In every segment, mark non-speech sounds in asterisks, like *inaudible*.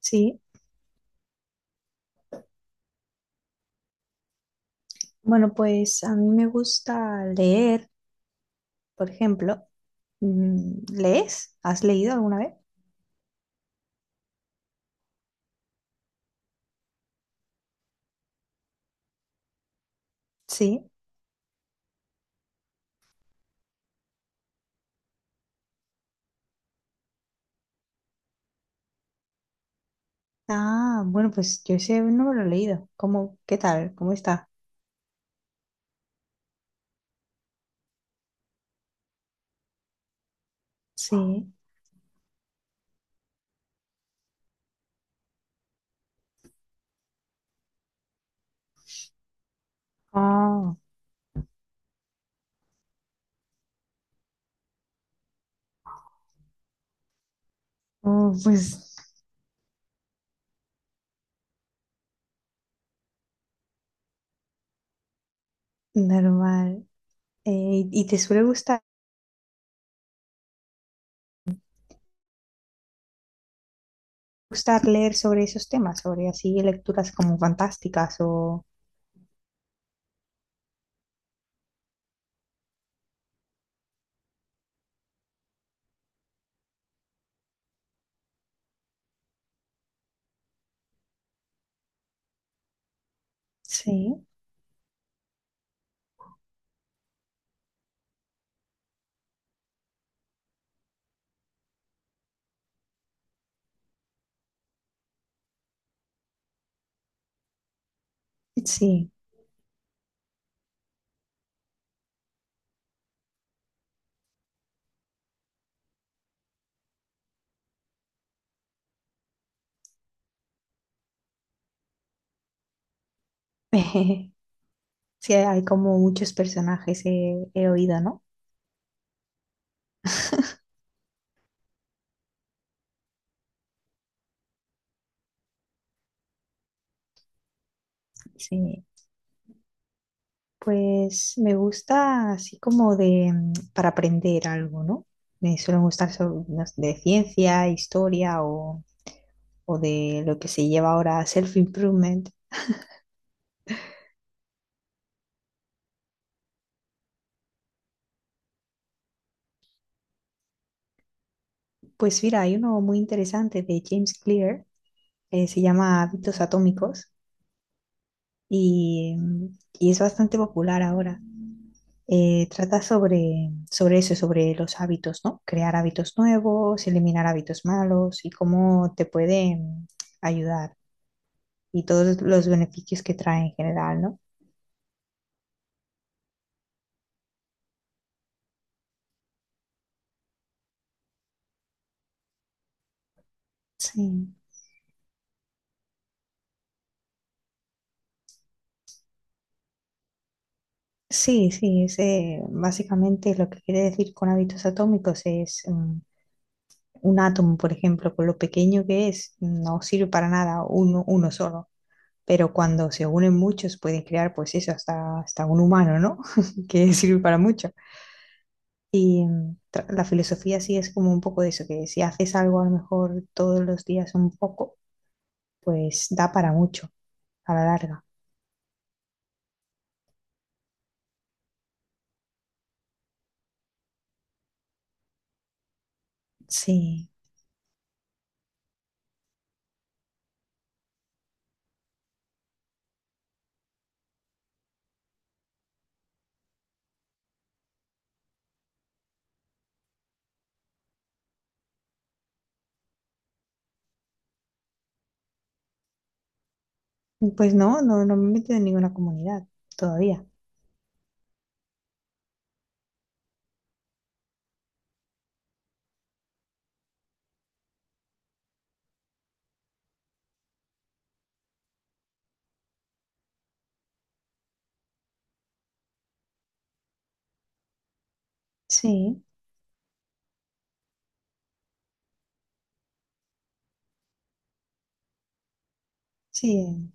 Sí, bueno, pues a mí me gusta leer, por ejemplo. ¿Lees? ¿Has leído alguna vez? Sí. Ah, bueno, pues yo ese no me lo he leído. ¿Cómo? ¿Qué tal? ¿Cómo está? Sí. Ah, oh, pues normal. Eh, ¿Y te suele gustar, gustar leer sobre esos temas, sobre así lecturas como fantásticas o... Sí, sí. *laughs* Sí, hay como muchos personajes, he oído, ¿no? Sí. Pues me gusta así como de para aprender algo, ¿no? Me suelen gustar so- no sé, de ciencia, historia o de lo que se lleva ahora self-improvement. Pues mira, hay uno muy interesante de James Clear, se llama Hábitos Atómicos y y es bastante popular ahora. Trata sobre, sobre eso, sobre los hábitos, ¿no? Crear hábitos nuevos, eliminar hábitos malos y cómo te pueden ayudar y todos los beneficios que trae en general, ¿no? Sí, sí, sí, es, básicamente lo que quiere decir con hábitos atómicos es un átomo, por ejemplo, con lo pequeño que es, no sirve para nada uno, uno solo, pero cuando se unen muchos pueden crear, pues eso, hasta, hasta un humano, ¿no? *laughs* Que sirve para mucho. Y tra- la filosofía sí es como un poco de eso, que si haces algo a lo mejor todos los días un poco, pues da para mucho a la larga. Sí. Pues no, no, no me he metido en ninguna comunidad todavía. Sí, sí,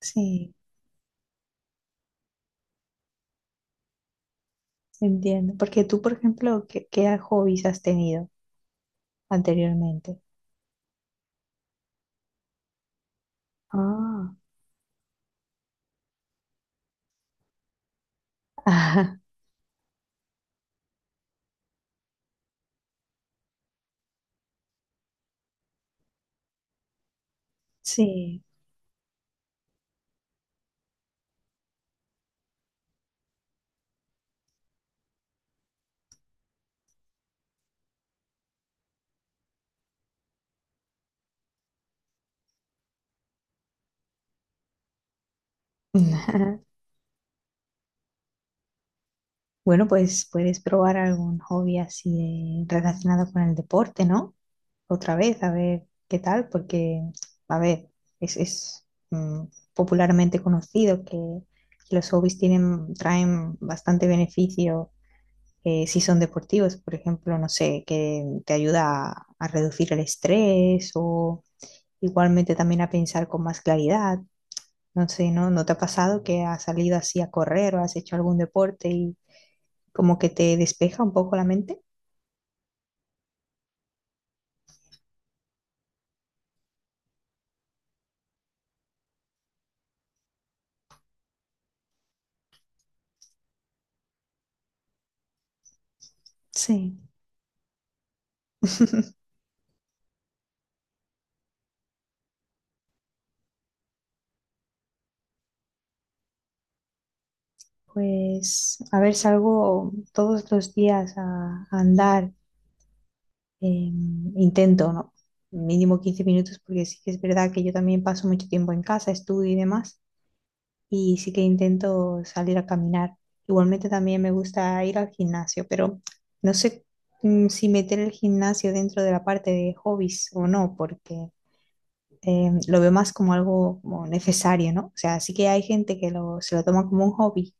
sí, entiendo. Porque tú, por ejemplo, ¿qué, qué hobbies has tenido anteriormente? Ah, ajá, sí. *laughs* Bueno, pues puedes probar algún hobby así de- relacionado con el deporte, ¿no? Otra vez, a ver qué tal, porque, a ver, es, mm, popularmente conocido que los hobbies tienen, traen bastante beneficio si son deportivos, por ejemplo, no sé, que te ayuda a reducir el estrés o igualmente también a pensar con más claridad. No sé, ¿no? ¿No te ha pasado que has salido así a correr o has hecho algún deporte y como que te despeja un poco la mente? Sí, *laughs* Pues, a ver, salgo todos los días a andar, eh, intento, ¿no? Mínimo 15 minutos, porque sí que es verdad que yo también paso mucho tiempo en casa, estudio y demás, y sí que intento salir a caminar. Igualmente también me gusta ir al gimnasio, pero no sé si meter el gimnasio dentro de la parte de hobbies o no, porque lo veo más como algo como necesario, ¿no? O sea, sí que hay gente que lo, se lo toma como un hobby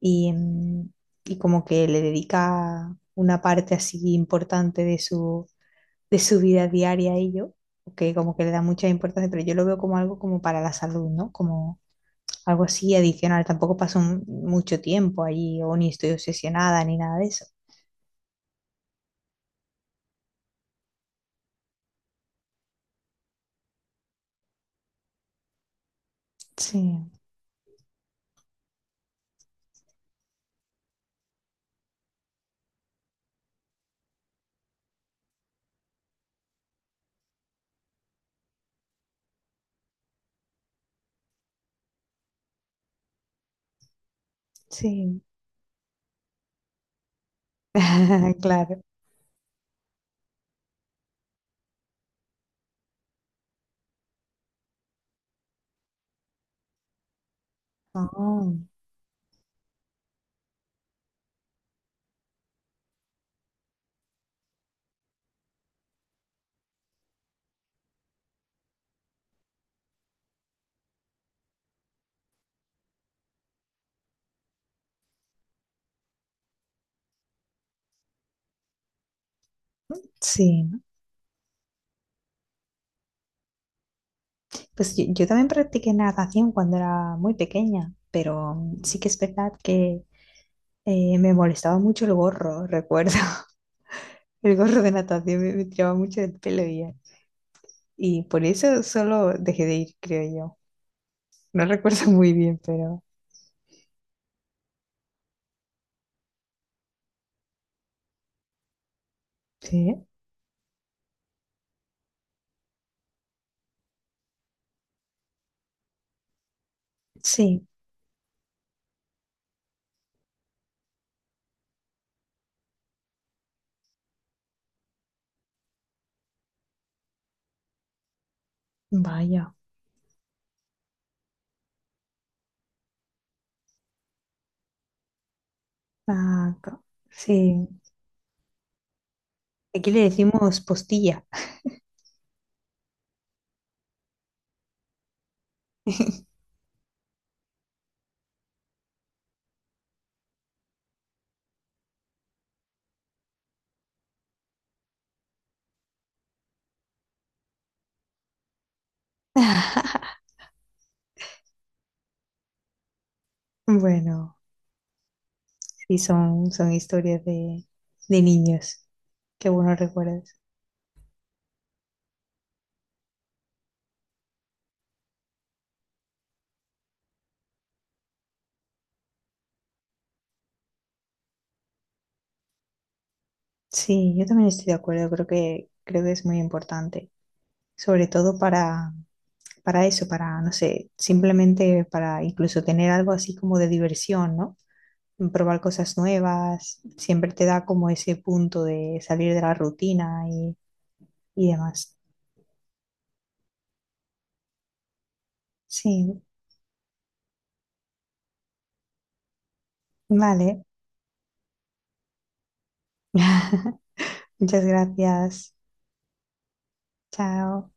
y y como que le dedica una parte así importante de su vida diaria a ello. Que como que le da mucha importancia, pero yo lo veo como algo como para la salud, ¿no? Como algo así adicional. Tampoco paso un- mucho tiempo allí o ni estoy obsesionada ni nada de eso. Sí, sí. *laughs* Claro. Oh, sí. Pues yo también practiqué natación cuando era muy pequeña, pero sí que es verdad que me molestaba mucho el gorro, *laughs* recuerdo. El gorro de natación me, me tiraba mucho del pelo y por eso solo dejé de ir, creo yo. No recuerdo *laughs* muy bien, pero sí, sí, vaya. Ah, co- sí, aquí le decimos postilla. *laughs* Bueno, sí, son, son historias de niños. Qué buenos recuerdos. Sí, yo también estoy de acuerdo. Creo que es muy importante. Sobre todo para eso, para, no sé, simplemente para incluso tener algo así como de diversión, ¿no? Probar cosas nuevas. Siempre te da como ese punto de salir de la rutina y demás. Sí, vale. *laughs* Muchas gracias. Chao.